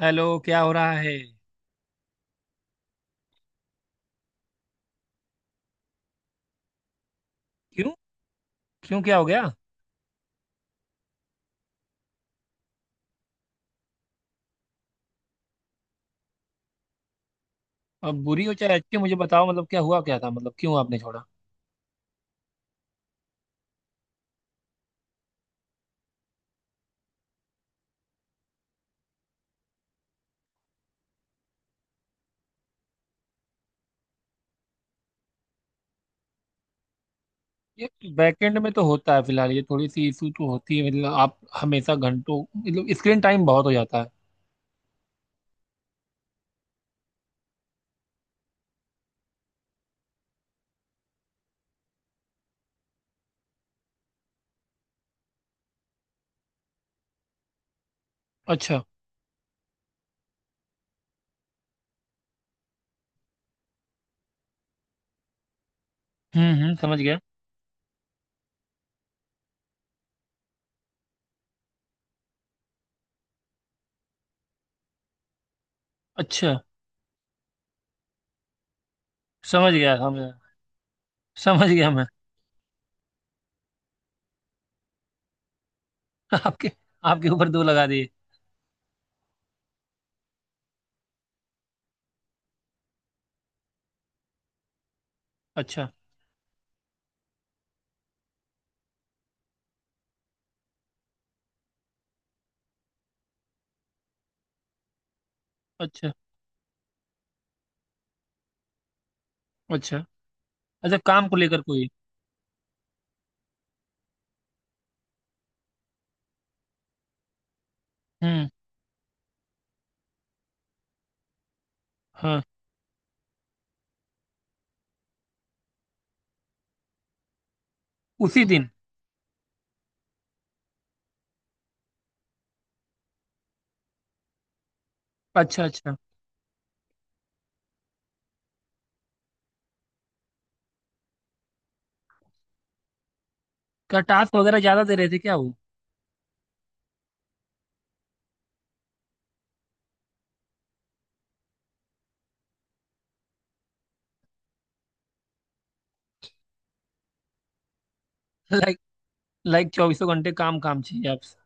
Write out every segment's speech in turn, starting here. Hello, क्या हो रहा है? क्यों? क्यों क्या हो गया? अब बुरी हो चाहे अच्छी, मुझे बताओ, मतलब क्या हुआ, क्या था, मतलब क्यों आपने छोड़ा? ये बैकएंड में तो होता है फिलहाल, ये थोड़ी सी इशू तो होती है, मतलब आप हमेशा घंटों, मतलब स्क्रीन टाइम बहुत हो जाता है। अच्छा। हम्म, हम्म, समझ गया। अच्छा, समझ गया, समझ समझ गया मैं। आपके आपके ऊपर दो लगा दिए। अच्छा, अच्छा, अच्छा, अच्छा, काम को लेकर कोई? हम्म। हाँ। उसी दिन? अच्छा, अच्छा। क्या टास्क वगैरह ज्यादा दे रहे थे क्या वो? लाइक चौबीसों घंटे काम काम चाहिए आपसे।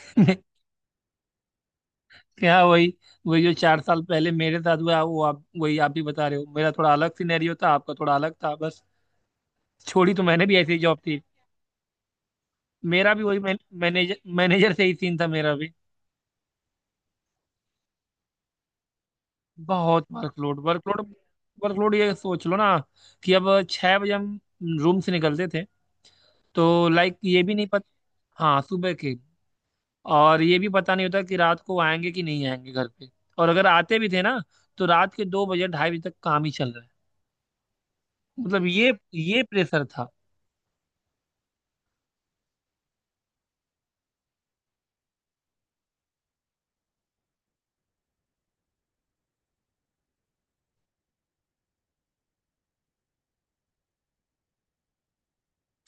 क्या वही वही जो चार साल पहले मेरे साथ हुआ, वो आप वही, आप भी बता रहे हो। मेरा थोड़ा अलग सिनेरियो था, आपका थोड़ा अलग था, बस। छोड़ी तो मैंने भी, ऐसी जॉब थी। मेरा भी वही। मैनेजर मैनेजर से ही सीन था मेरा भी। बहुत वर्कलोड, वर्कलोड, वर्कलोड, ये सोच लो ना, कि अब 6 बजे हम रूम से निकलते थे, तो लाइक ये भी नहीं पता। हाँ, सुबह के। और ये भी पता नहीं होता कि रात को आएंगे कि नहीं आएंगे घर पे, और अगर आते भी थे ना तो रात के 2 बजे 2:30 बजे तक काम ही चल। मतलब ये प्रेशर था।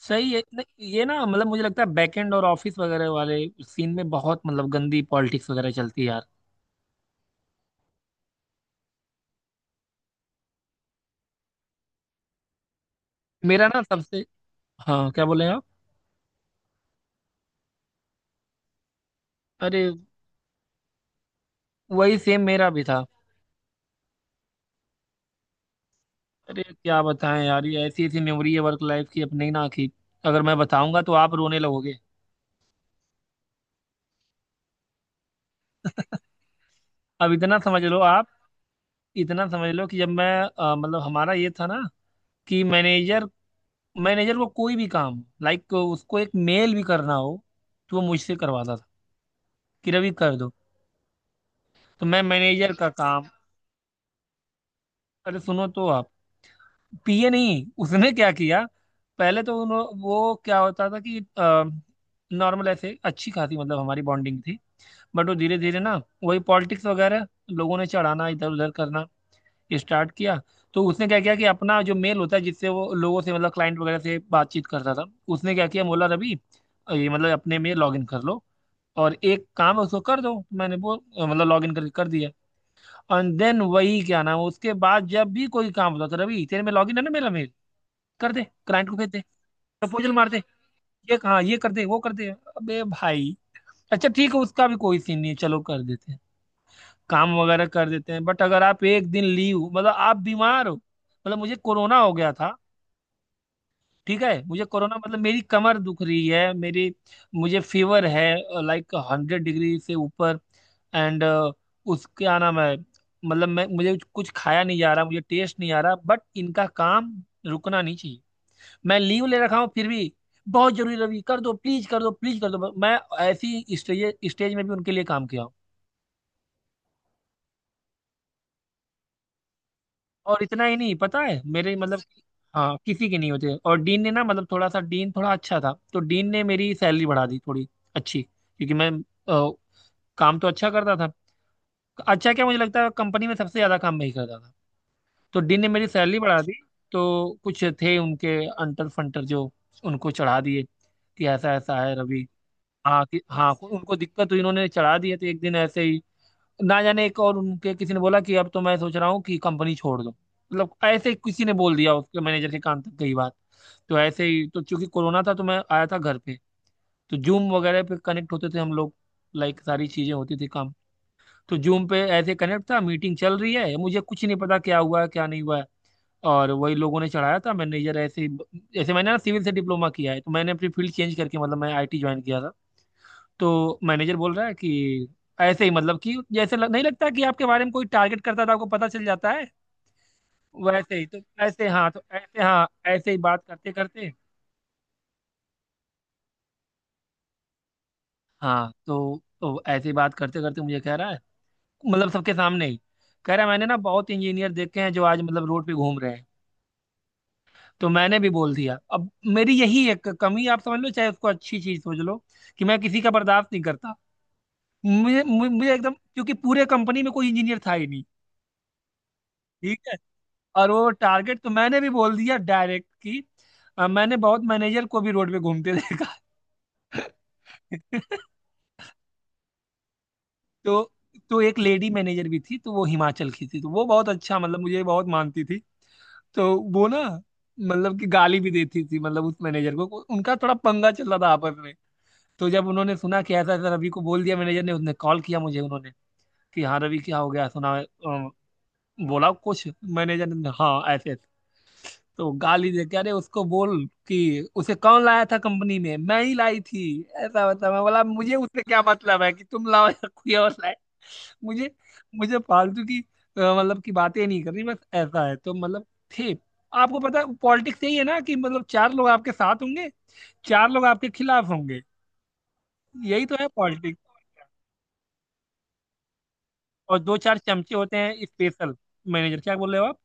सही है ये ना, मतलब मुझे लगता है बैकएंड और ऑफिस वगैरह वाले सीन में बहुत, मतलब गंदी पॉलिटिक्स वगैरह चलती है यार। मेरा ना सबसे। हाँ, क्या बोले आप? अरे, वही सेम मेरा भी था। अरे क्या बताएं यार, ये ऐसी ऐसी मेमोरी है वर्क लाइफ की अपनी ना, कि अगर मैं बताऊंगा तो आप रोने लगोगे। अब इतना समझ लो आप, इतना समझ लो कि जब मैं मतलब हमारा ये था ना, कि मैनेजर मैनेजर को कोई भी काम, लाइक उसको एक मेल भी करना हो, तो वो मुझसे करवाता था, कि रवि कर दो। तो मैं मैनेजर का काम। अरे सुनो तो आप, पीए नहीं उसने क्या किया, पहले तो वो क्या होता था कि नॉर्मल, ऐसे अच्छी खासी मतलब हमारी बॉन्डिंग थी, बट वो धीरे धीरे ना, वही पॉलिटिक्स वगैरह, लोगों ने चढ़ाना, इधर उधर करना स्टार्ट किया। तो उसने क्या किया कि अपना जो मेल होता है जिससे वो लोगों से, मतलब क्लाइंट वगैरह से बातचीत करता था, उसने क्या किया, बोला रवि, ये मतलब अपने में लॉग इन कर लो और एक काम है उसको कर दो। मैंने वो मतलब लॉग इन कर कर दिया। एंड देन वही क्या नाम, उसके बाद जब भी कोई काम होता तो रवि, तेरे में लॉगिन है ना मेरा मेल, कर दे, क्लाइंट को भेज दे, प्रपोजल मार दे, ये, हाँ ये कर दे वो कर दे, अबे भाई। अच्छा ठीक है, उसका भी कोई सीन नहीं है, चलो कर देते हैं, काम वगैरह कर देते हैं। बट अगर आप एक दिन लीव, मतलब आप बीमार हो, मतलब मुझे कोरोना हो गया था। ठीक है, मुझे कोरोना, मतलब मेरी कमर दुख रही है मेरी, मुझे फीवर है, लाइक 100 डिग्री से ऊपर, एंड उसके क्या नाम है, मतलब मैं, मुझे कुछ खाया नहीं जा रहा, मुझे टेस्ट नहीं आ रहा, बट इनका काम रुकना नहीं चाहिए, मैं लीव ले रखा हूँ फिर भी, बहुत जरूरी रवि, कर दो प्लीज, कर दो प्लीज, कर दो। मैं ऐसी स्टेज स्टेज में भी उनके लिए काम किया। और इतना ही नहीं, पता है मेरे, मतलब, हाँ किसी के नहीं होते। और डीन ने ना, मतलब थोड़ा सा डीन थोड़ा अच्छा था, तो डीन ने मेरी सैलरी बढ़ा दी थोड़ी अच्छी, क्योंकि मैं अ, काम तो अच्छा करता था। अच्छा क्या, मुझे लगता है कंपनी में सबसे ज्यादा काम मैं ही करता था। तो डीन ने मेरी सैलरी बढ़ा दी। तो कुछ थे उनके अंटर फंटर, जो उनको चढ़ा दिए कि ऐसा ऐसा है रवि। हाँ कि हाँ, उनको दिक्कत हुई, इन्होंने चढ़ा दिए, तो एक दिन ऐसे ही ना जाने एक, और उनके किसी ने बोला कि अब तो मैं सोच रहा हूँ कि कंपनी छोड़ दूँ, मतलब ऐसे ही किसी ने बोल दिया, उसके मैनेजर के कान तक गई बात। तो ऐसे ही तो, चूंकि कोरोना था तो मैं आया था घर पे, तो जूम वगैरह पे कनेक्ट होते थे हम लोग, लाइक सारी चीजें होती थी, काम। तो जूम पे ऐसे कनेक्ट था, मीटिंग चल रही है, मुझे कुछ नहीं पता क्या हुआ है क्या नहीं हुआ है, और वही लोगों ने चढ़ाया था मैनेजर ऐसे। मैंने ना सिविल से डिप्लोमा किया है, तो मैंने अपनी फील्ड चेंज करके, मतलब मैं आईटी ज्वाइन किया था। तो मैनेजर बोल रहा है कि, ऐसे ही, मतलब कि जैसे नहीं लगता कि आपके बारे में कोई टारगेट करता था, आपको पता चल जाता है, वैसे ही तो, ऐसे, हाँ तो ऐसे, हाँ ऐसे ही बात करते करते, हाँ तो ऐसे ही बात करते करते मुझे कह रहा है, मतलब सबके सामने ही कह रहा है, मैंने ना बहुत इंजीनियर देखे हैं जो आज, मतलब रोड पे घूम रहे हैं। तो मैंने भी बोल दिया, अब मेरी यही एक कमी आप समझ लो, चाहे उसको अच्छी चीज समझ लो, कि मैं किसी का बर्दाश्त नहीं करता। मुझे मुझे मुझे एकदम, क्योंकि पूरे कंपनी में कोई इंजीनियर था ही नहीं, और वो टारगेट तो मैंने भी बोल दिया डायरेक्ट, कि मैंने बहुत मैनेजर को भी रोड पे घूमते देखा है। तो एक लेडी मैनेजर भी थी, तो वो हिमाचल की थी, तो वो बहुत अच्छा, मतलब मुझे बहुत मानती थी, तो वो ना, मतलब कि गाली भी देती थी, मतलब उस मैनेजर को, उनका थोड़ा पंगा चल रहा था आपस में। तो जब उन्होंने सुना कि ऐसा ऐसा रवि को बोल दिया मैनेजर ने, उसने कॉल किया मुझे, उन्होंने कि हाँ रवि, क्या हो गया, सुना बोला कुछ मैनेजर ने, हाँ ऐसे ऐसे। तो गाली दे के, अरे उसको बोल कि उसे कौन लाया था कंपनी में, मैं ही लाई थी, ऐसा वैसा। मैं बोला, मुझे उससे क्या मतलब है कि तुम लाओ या कोई और लाए, मुझे मुझे फालतू की मतलब की बातें नहीं करनी, बस ऐसा है तो, मतलब थे। आपको पता है पॉलिटिक्स यही है ना, कि मतलब चार लोग आपके साथ होंगे, चार लोग आपके खिलाफ होंगे, यही तो है पॉलिटिक्स। और दो चार चमचे होते हैं स्पेशल, मैनेजर, क्या बोल रहे हो आप?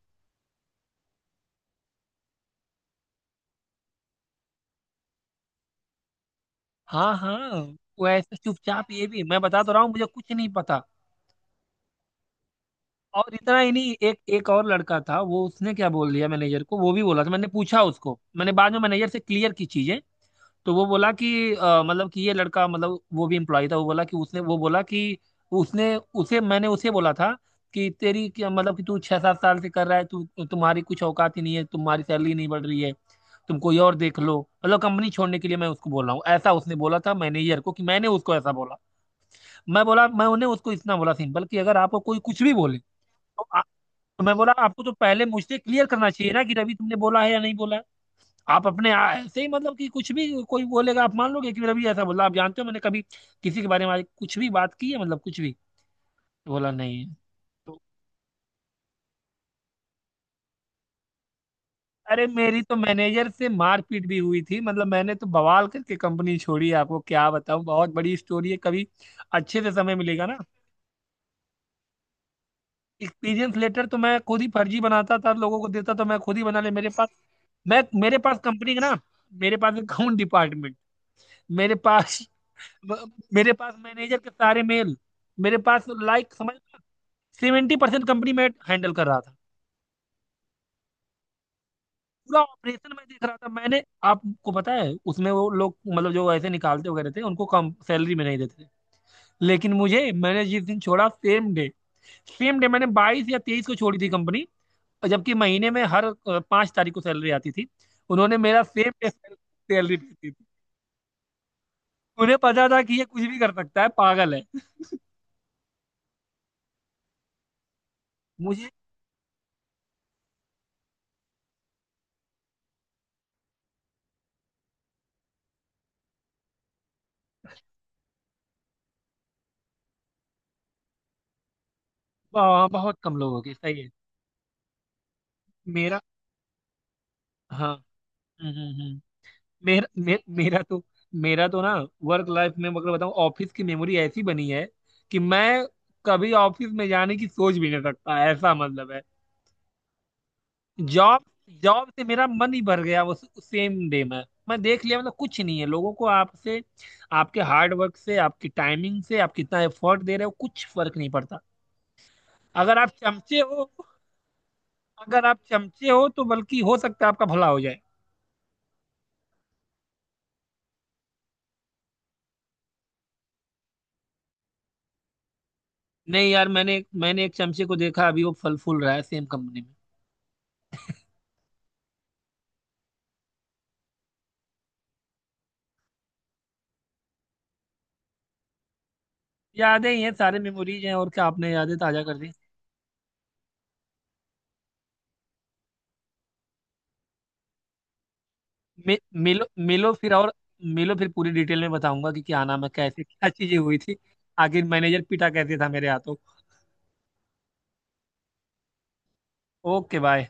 हाँ, हाँ, वो ऐसे चुपचाप, ये भी मैं बता तो रहा हूँ, मुझे कुछ नहीं पता। और इतना ही नहीं, एक एक और लड़का था, वो उसने क्या बोल दिया मैनेजर को, वो भी बोला था, मैंने पूछा उसको, मैंने बाद में मैनेजर से क्लियर की चीजें। तो वो बोला कि मतलब कि ये लड़का, मतलब वो भी एम्प्लॉय था, वो बोला कि उसने, उसे, मैंने उसे बोला था कि तेरी क्या, मतलब कि तू 6-7 साल से कर रहा है तू, तुम्हारी कुछ औकात ही नहीं है, तुम्हारी सैलरी नहीं बढ़ रही है, तुम कोई और देख लो, मतलब कंपनी छोड़ने के लिए मैं उसको बोल रहा हूँ, ऐसा उसने बोला था मैनेजर को कि मैंने उसको ऐसा बोला। मैं बोला, मैं उन्हें उसको इतना बोला सिंपल, कि अगर आपको कोई कुछ भी बोले तो, तो मैं बोला आपको तो पहले मुझसे क्लियर करना चाहिए ना, कि रवि तुमने बोला है या नहीं बोला है। आप ऐसे ही, मतलब कि कुछ भी कोई बोलेगा आप मान लोगे कि रवि ऐसा बोला, आप जानते हो मैंने कभी किसी के बारे में आज कुछ भी बात की है, मतलब कुछ भी बोला नहीं है। तो अरे, मेरी तो मैनेजर से मारपीट भी हुई थी, मतलब मैंने तो बवाल करके कंपनी छोड़ी है, आपको क्या बताऊं, बहुत बड़ी स्टोरी है, कभी अच्छे से समय मिलेगा ना। एक्सपीरियंस लेटर तो मैं खुद ही फर्जी बनाता था, लोगों को देता तो मैं खुद ही बना ले, मेरे पास, मैं मेरे पास कंपनी का ना, मेरे पास अकाउंट डिपार्टमेंट, मेरे पास, मेरे पास मैनेजर के सारे मेल, मेरे पास, लाइक समझ, 70% कंपनी में हैंडल कर रहा था, पूरा ऑपरेशन मैं देख रहा था। मैंने, आपको पता है उसमें वो लोग, मतलब जो ऐसे निकालते वगैरह थे उनको कम सैलरी में नहीं देते थे, लेकिन मुझे, मैंने जिस दिन छोड़ा सेम डे, सेम डे मैंने 22 या 23 को छोड़ी थी कंपनी, जबकि महीने में हर 5 तारीख को सैलरी आती थी, उन्होंने मेरा सेम डे सैलरी दी थी। उन्हें पता था कि ये कुछ भी कर सकता है, पागल है। मुझे बहुत कम लोगों की सही है। मेरा, हाँ, हम्म, मेरा तो, मेरा तो ना वर्क लाइफ में, मतलब बताऊं ऑफिस की मेमोरी ऐसी बनी है कि मैं कभी ऑफिस में जाने की सोच भी नहीं सकता, ऐसा मतलब है। जॉब जॉब से मेरा मन ही भर गया वो सेम डे में, मैं देख लिया, मतलब कुछ नहीं है लोगों को आपसे, आपके हार्ड वर्क से, आपकी टाइमिंग से, आप कितना एफर्ट दे रहे हो, कुछ फर्क नहीं पड़ता। अगर आप चमचे हो, अगर आप चमचे हो तो बल्कि हो सकता है आपका भला हो जाए। नहीं यार, मैंने मैंने एक चमचे को देखा, अभी वो फल फूल रहा है सेम कंपनी में। यादें ही हैं, सारे मेमोरीज हैं, और क्या, आपने यादें ताजा कर दी। मिलो मिलो फिर और, मिलो फिर पूरी डिटेल में बताऊंगा कि क्या नाम है, कैसे क्या चीजें हुई थी, आखिर मैनेजर पीटा कैसे था मेरे हाथों। Okay, bye.